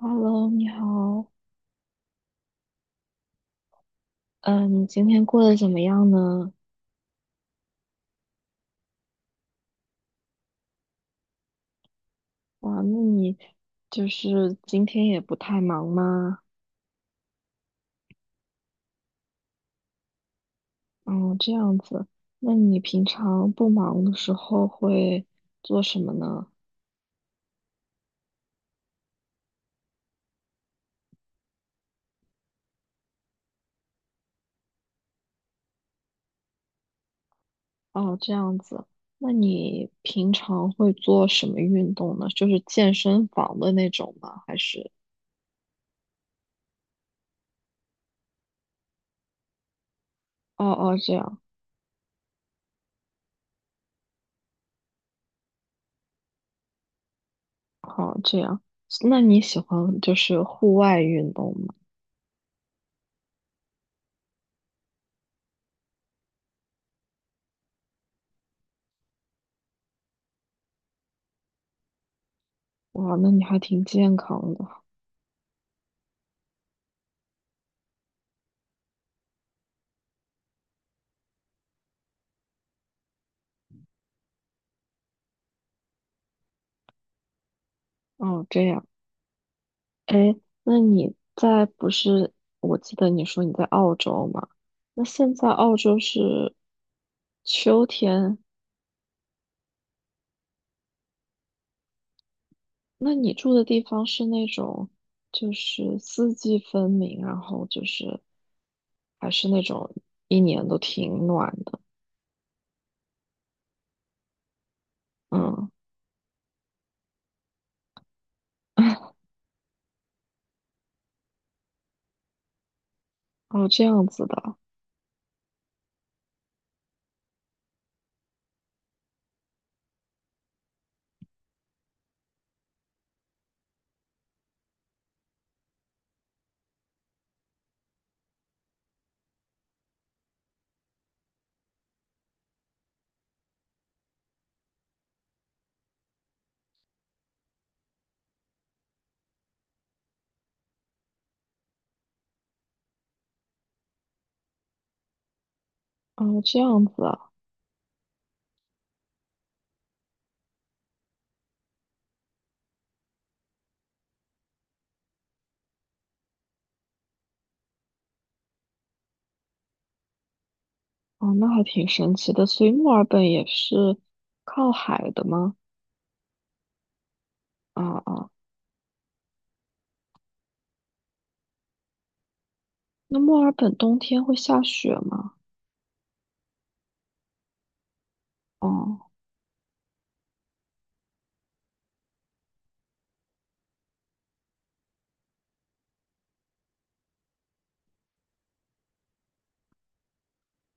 Hello，你好，嗯，你今天过得怎么样呢？哇，那你今天也不太忙吗？哦，这样子，那你平常不忙的时候会做什么呢？哦，这样子，那你平常会做什么运动呢？就是健身房的那种吗？还是？哦哦，这样，好，这样，那你喜欢户外运动吗？哇，那你还挺健康的。哦，这样。哎，那你在不是？我记得你说你在澳洲嘛？那现在澳洲是秋天，那你住的地方是那种四季分明，然后还是那种一年都挺暖的，嗯，哦，这样子的，哦，这样子啊，哦，那还挺神奇的。所以墨尔本也是靠海的吗？啊啊，那墨尔本冬天会下雪吗？哦。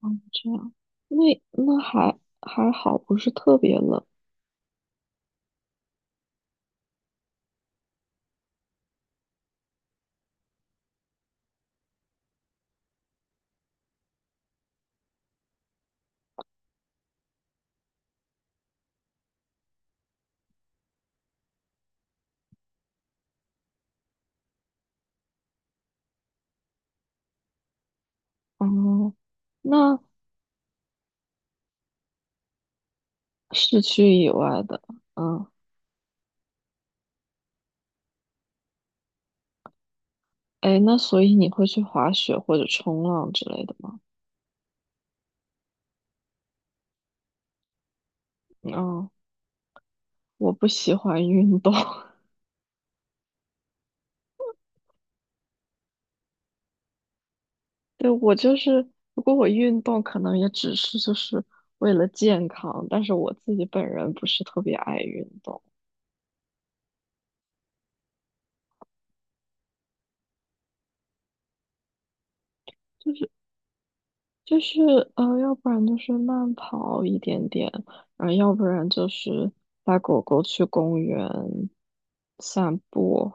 哦，这样，那还好，不是特别冷。哦，那市区以外的，嗯，哎，那所以你会去滑雪或者冲浪之类的吗？嗯，我不喜欢运动，对，我就是，如果我运动，可能也只是为了健康，但是我自己本人不是特别爱运动。就是要不然就是慢跑一点点，然后要不然就是带狗狗去公园散步。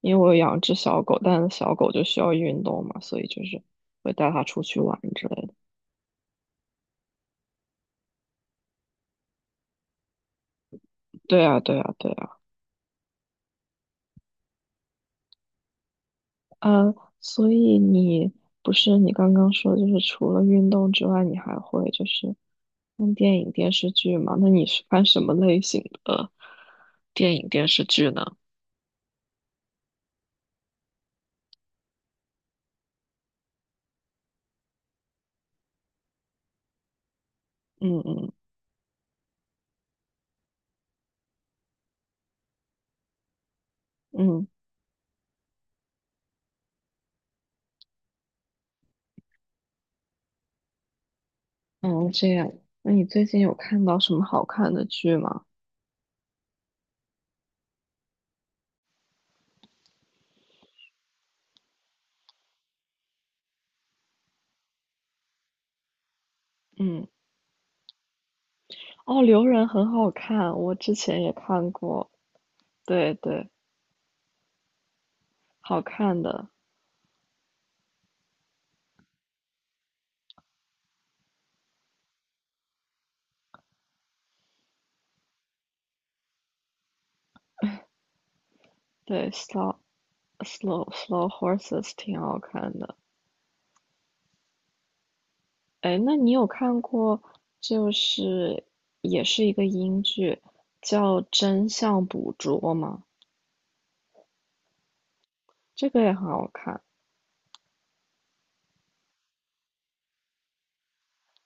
因为我有养只小狗，但是小狗就需要运动嘛，所以会带它出去玩之类的。对啊，对啊，对啊，呃，所以你不是你刚刚说，除了运动之外，你还会看电影、电视剧吗？那你是看什么类型的电影、电视剧呢？嗯嗯嗯。哦，这样。那你最近有看到什么好看的剧吗？嗯，哦，《留人》很好看，我之前也看过。对对，好看的。对，Slow Slow Horses 挺好看的。哎，那你有看过，就是也是一个英剧，叫《真相捕捉》吗？这个也很好看。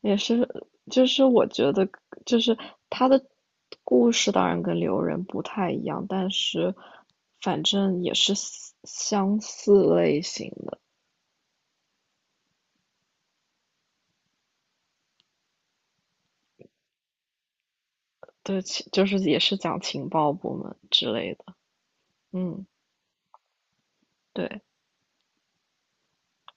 也是，就是我觉得，就是他的故事当然跟刘仁不太一样，但是反正也是相似类型的，对，其就是也是讲情报部门之类的，嗯，对。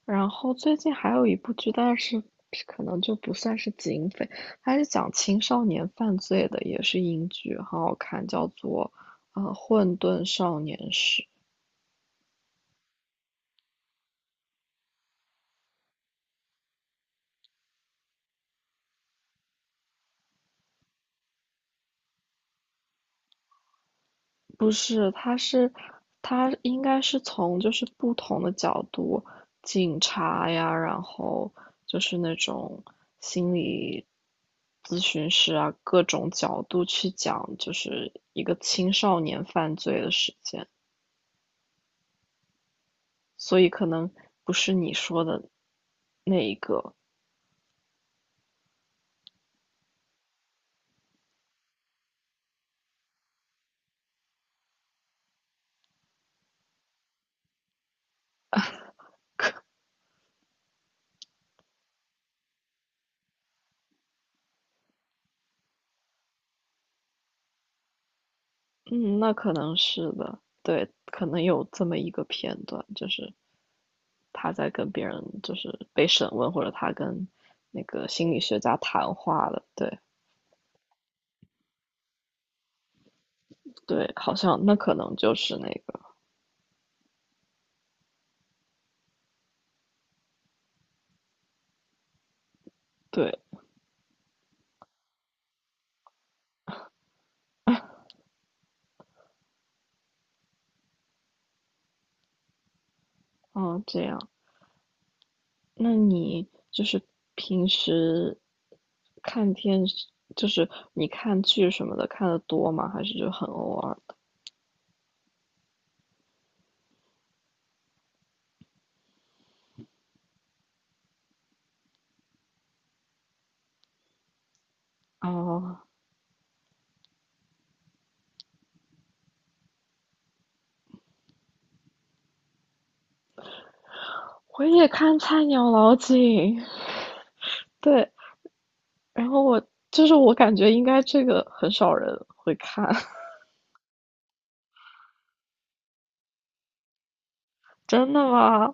然后最近还有一部剧，但是可能就不算是警匪，它是讲青少年犯罪的，也是英剧，很好看，叫做《混沌少年史》。不是，他应该是从不同的角度，警察呀，然后就是那种心理咨询师啊，各种角度去讲，就是一个青少年犯罪的事件，所以可能不是你说的那一个，嗯，那可能是的，对，可能有这么一个片段，就是他在跟别人被审问，或者他跟那个心理学家谈话了。对对，好像那可能就是那个对，嗯，这样。那你平时看电视，你看剧什么的看的多吗？还是就很偶尔的？哦，我也看菜鸟老警，对，然后我就是我感觉应该这个很少人会看，真的吗？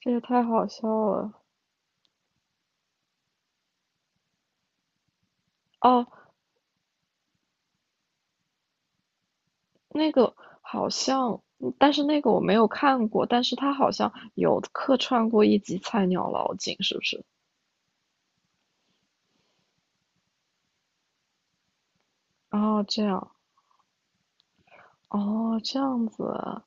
这也太好笑了。哦，那个好像，嗯但是那个我没有看过，但是他好像有客串过一集《菜鸟老警》，是不是？哦，这样，哦，这样子啊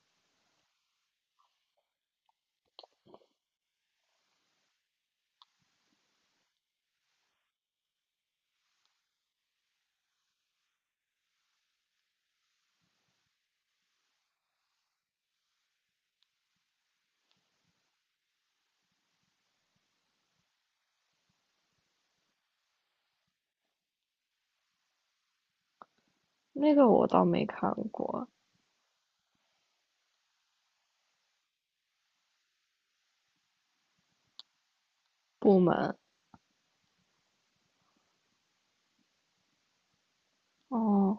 那个我倒没看过。部门，哦，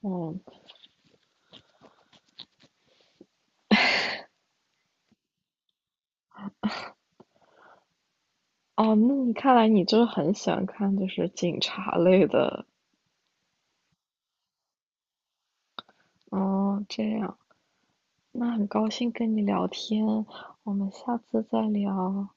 哦，哦，那你看来你就是很喜欢看警察类的，哦，这样，那很高兴跟你聊天，我们下次再聊。